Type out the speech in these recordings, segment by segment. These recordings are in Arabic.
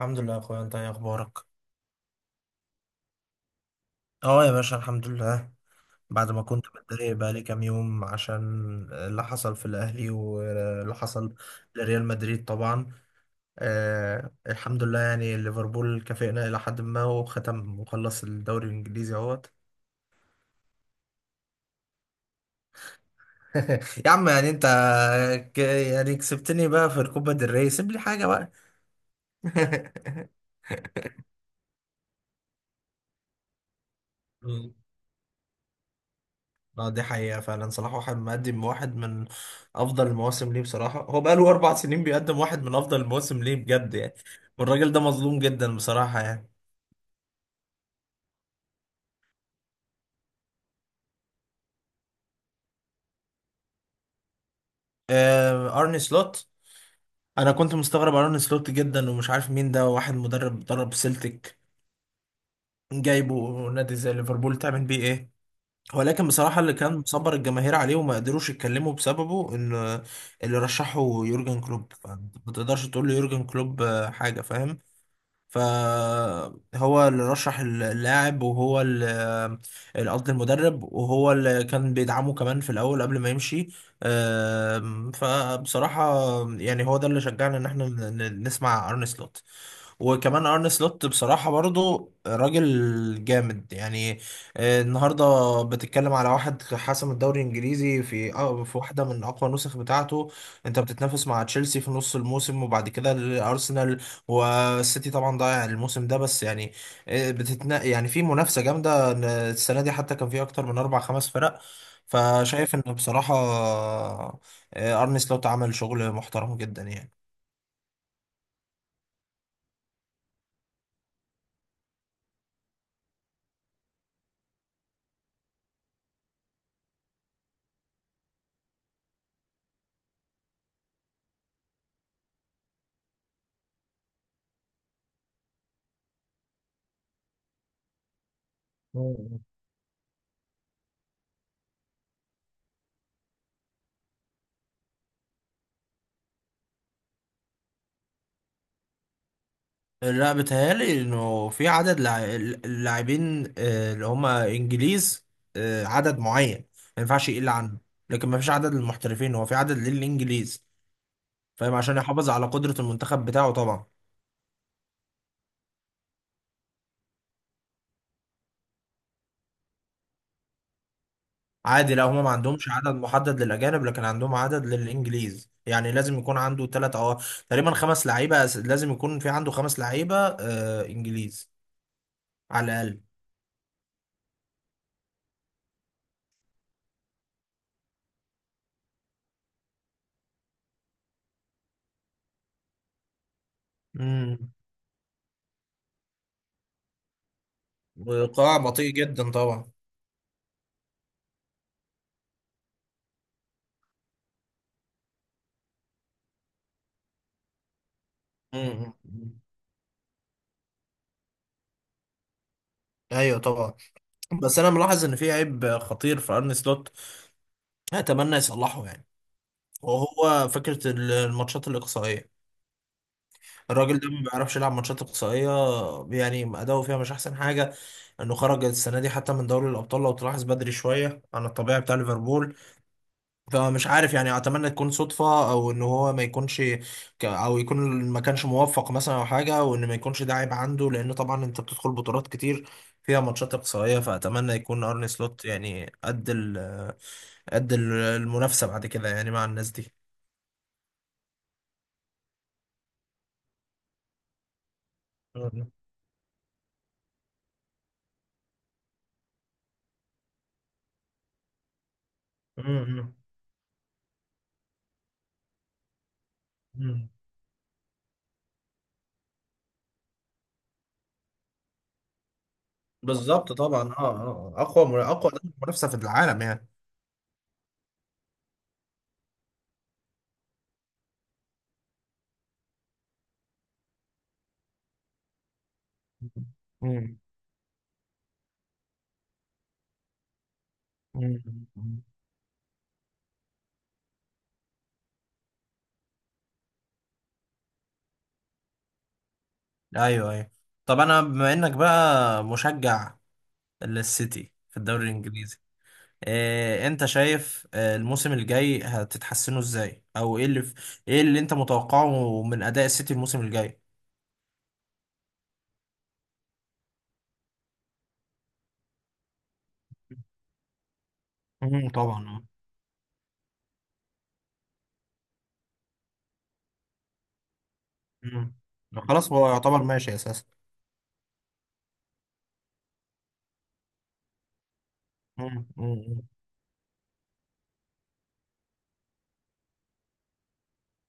الحمد لله يا اخويا، انت ايه اخبارك؟ اه يا باشا، الحمد لله. بعد ما كنت متضايق بقالي كام يوم عشان اللي حصل في الاهلي واللي حصل لريال مدريد طبعا. الحمد لله، يعني ليفربول كافئنا الى حد ما، وختم وخلص الدوري الانجليزي اهوت. يا عم يعني انت كسبتني بقى في الكوبا del ري، سيب لي حاجه بقى. لا دي حقيقة، فعلا صلاح واحد مقدم واحد من أفضل المواسم ليه بصراحة، هو بقاله أربع سنين بيقدم واحد من أفضل المواسم ليه بجد يعني. والراجل ده مظلوم جدا بصراحة يعني. أرني سلوت. أنا كنت مستغرب أرني سلوت جدا، ومش عارف مين ده، واحد مدرب درب سيلتيك، جايبه نادي زي ليفربول تعمل بيه إيه؟ ولكن بصراحة اللي كان مصبر الجماهير عليه وما قدروش يتكلموا بسببه إن اللي رشحه يورجن كلوب، فما تقدرش تقول له يورجن كلوب حاجة، فاهم. فهو اللي رشح اللاعب، وهو اللي قصدي المدرب، وهو اللي كان بيدعمه كمان في الاول قبل ما يمشي. فبصراحة يعني هو ده اللي شجعنا ان احنا نسمع ارن سلوت. وكمان ارن سلوت بصراحة برضو راجل جامد يعني. النهاردة بتتكلم على واحد حسم الدوري الانجليزي في في واحدة من اقوى النسخ بتاعته. انت بتتنافس مع تشيلسي في نص الموسم، وبعد كده الارسنال، والسيتي طبعا ضايع الموسم ده، بس يعني بتتنا يعني في منافسة جامدة، إن السنة دي حتى كان في اكتر من اربع خمس فرق. فشايف ان بصراحة ارن سلوت عمل شغل محترم جدا يعني. لا بيتهيألي انه في عدد اللاعبين اللي هم انجليز، عدد معين ما ينفعش يقل عنه. لكن ما فيش عدد للمحترفين، هو في عدد للانجليز، فاهم، عشان يحافظ على قدرة المنتخب بتاعه طبعا. عادي، لا هم ما عندهمش عدد محدد للاجانب، لكن عندهم عدد للانجليز، يعني لازم يكون عنده ثلاث او تقريبا خمس لعيبة، لازم يكون في عنده خمس لعيبة انجليز على الاقل. امم وقاع بطيء جدا طبعا. امم ايوه طبعا. بس انا ملاحظ ان في عيب خطير في ارن سلوت، اتمنى يصلحه يعني. وهو فكره الماتشات الاقصائيه، الراجل ده ما بيعرفش يلعب ماتشات اقصائيه، يعني اداؤه فيها مش احسن حاجه. انه خرج السنه دي حتى من دوري الابطال لو تلاحظ بدري شويه عن الطبيعي بتاع ليفربول. فمش عارف يعني، اتمنى تكون صدفة، او ان هو ما يكونش او يكون ما كانش موفق مثلا او حاجة، وان ما يكونش ده عيب عنده، لان طبعا انت بتدخل بطولات كتير فيها ماتشات اقصائية. فاتمنى يكون ارني سلوت يعني قد المنافسة بعد كده يعني مع الناس دي. مم. مم. مم. بالظبط طبعا، اقوى اقوى منافسة في العالم يعني. مم. مم. ايوه ايوه. طب انا بما انك بقى مشجع للسيتي في الدوري الانجليزي، إيه انت شايف الموسم الجاي هتتحسنوا ازاي؟ او ايه اللي في، ايه اللي انت متوقعه من اداء السيتي الموسم الجاي؟ طبعا. امم خلاص، هو يعتبر ماشي اساسا. امم مم.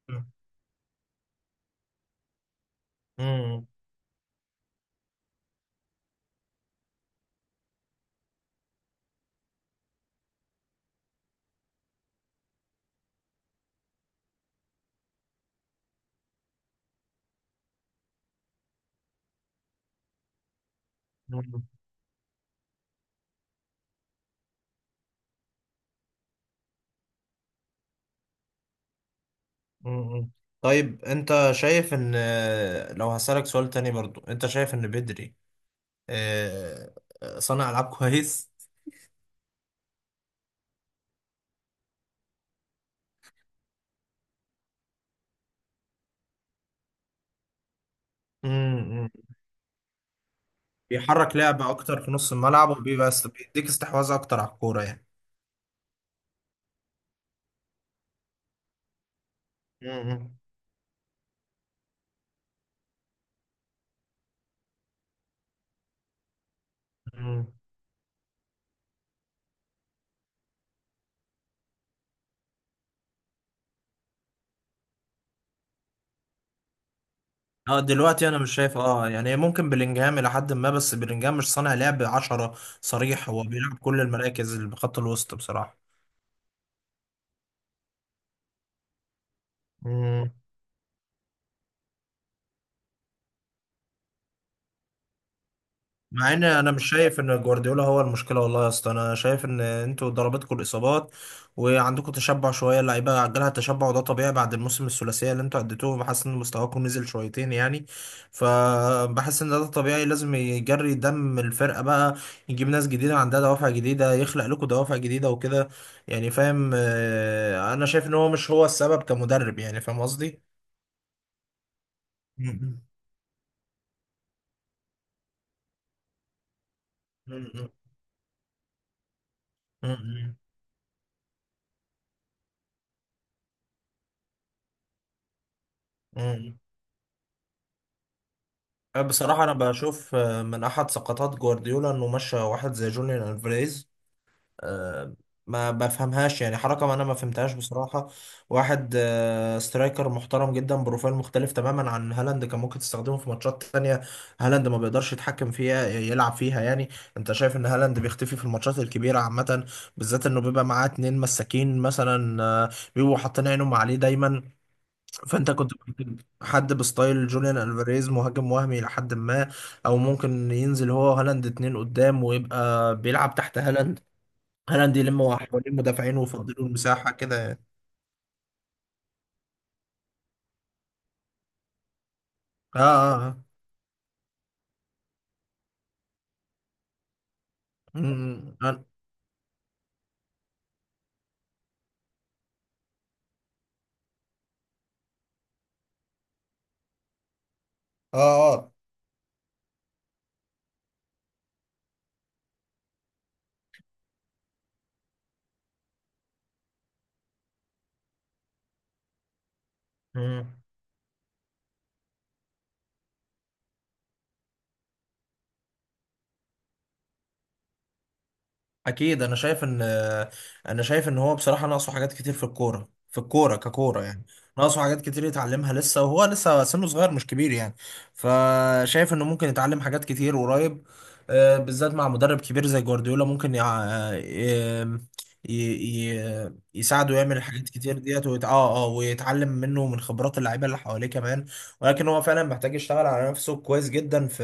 امم امم مم. مم. طيب انت شايف ان لو هسألك سؤال تاني برضو، انت شايف ان بدري آه، صانع العاب كويس؟ امم بيحرك لعب اكتر في نص الملعب، وبيبقى بيديك استحواذ اكتر على الكورة يعني. مم. مم. اه دلوقتي انا مش شايف، اه يعني ممكن بلينجهام الى حد ما، بس بلينجهام مش صانع لعب عشرة صريح، هو بيلعب كل المراكز اللي بخط الوسط بصراحة. مم. مع ان انا مش شايف ان جوارديولا هو المشكله، والله يا اسطى، انا شايف ان انتوا ضربتكم الاصابات، وعندكم تشبع شويه، اللعيبه عجلها التشبع، وده طبيعي بعد الموسم الثلاثيه اللي انتوا اديتوه. بحس ان مستواكم نزل شويتين يعني. فبحس ان ده طبيعي، لازم يجري دم الفرقه بقى، يجيب ناس جديده عندها دوافع جديده، يخلق لكم دوافع جديده وكده يعني، فاهم. انا شايف ان هو مش هو السبب كمدرب يعني، فاهم قصدي. مم. مم. مم. مم. مم. بصراحة أنا بشوف من أحد سقطات جوارديولا إنه مشى واحد زي جوليان ألفاريز. آه، ما بفهمهاش يعني، حركة ما أنا ما فهمتهاش بصراحة. واحد سترايكر محترم جدا، بروفايل مختلف تماما عن هالاند، كان ممكن تستخدمه في ماتشات تانية هالاند ما بيقدرش يتحكم فيها يلعب فيها يعني. أنت شايف إن هالاند بيختفي في الماتشات الكبيرة عامة، بالذات إنه بيبقى معاه اتنين مساكين مثلا بيبقوا حاطين عينهم عليه دايما. فانت كنت ممكن حد بستايل جوليان الفاريز، مهاجم وهمي لحد ما، او ممكن ينزل هو هالاند اتنين قدام ويبقى بيلعب تحت هالاند، هالاند يلم حوالين مدافعين ويفضلوا المساحة كده يعني. اه اه اه م- م- اه اه آه. م. اكيد، انا شايف ان، انا شايف ان هو بصراحه ناقصه حاجات كتير في الكوره، في الكوره ككوره يعني. ناقصه حاجات كتير يتعلمها لسه، وهو لسه سنه صغير مش كبير يعني. فشايف انه ممكن يتعلم حاجات كتير قريب، بالذات مع مدرب كبير زي جوارديولا، ممكن يع... آه، ي... ي... ي... يساعده يعمل حاجات كتير ديت ويت... اه اه ويتعلم منه من خبرات اللعيبه اللي حواليه كمان. ولكن هو فعلا محتاج يشتغل على نفسه كويس جدا في،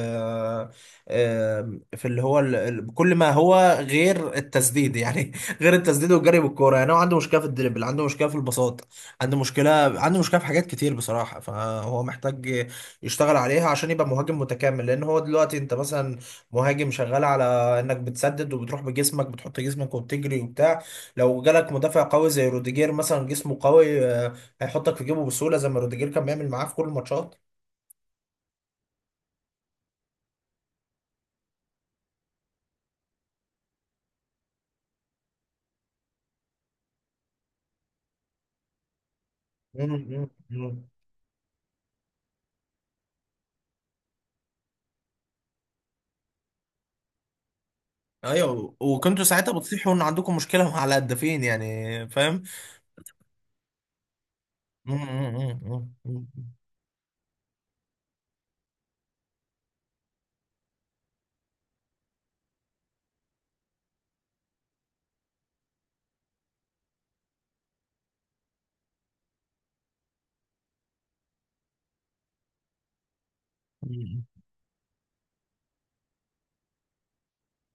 آه، في اللي هو كل ما هو غير التسديد يعني، غير التسديد والجري بالكوره. يعني هو عنده مشكله في الدريبل، عنده مشكله في البساط، عنده مشكله عنده مشكله في حاجات كتير بصراحه. فهو محتاج يشتغل عليها عشان يبقى مهاجم متكامل، لان هو دلوقتي انت مثلا مهاجم شغال على انك بتسدد وبتروح بجسمك، بتحط جسمك وبتجري وبتاع. لو جالك مدافع قوي زي روديجير مثلا جسمه قوي هيحطك في جيبه بسهوله، زي ما روديجير كان بيعمل معاه في كل الماتشات. مم، مم، مم. ايوه، وكنتوا ساعتها بتصيحوا ان عندكم مشكله مع الهدافين يعني، فاهم. مم، مم، مم، مم، مم.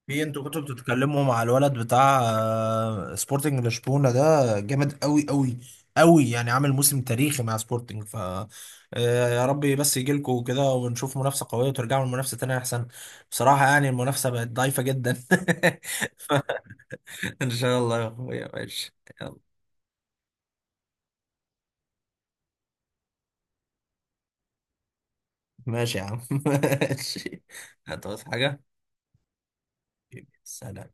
في انتوا كنتوا بتتكلموا مع الولد بتاع سبورتنج لشبونه ده، جامد قوي قوي قوي يعني، عامل موسم تاريخي مع سبورتنج. ف آه، يا رب بس يجي لكم كده، ونشوف منافسه قويه، وترجعوا للمنافسه تاني احسن بصراحه، يعني المنافسه بقت ضعيفه جدا. ف... ان شاء الله يا اخويا، ماشي. يلا، ماشي يا عم. ماشي، هتعوز حاجه؟ سلام.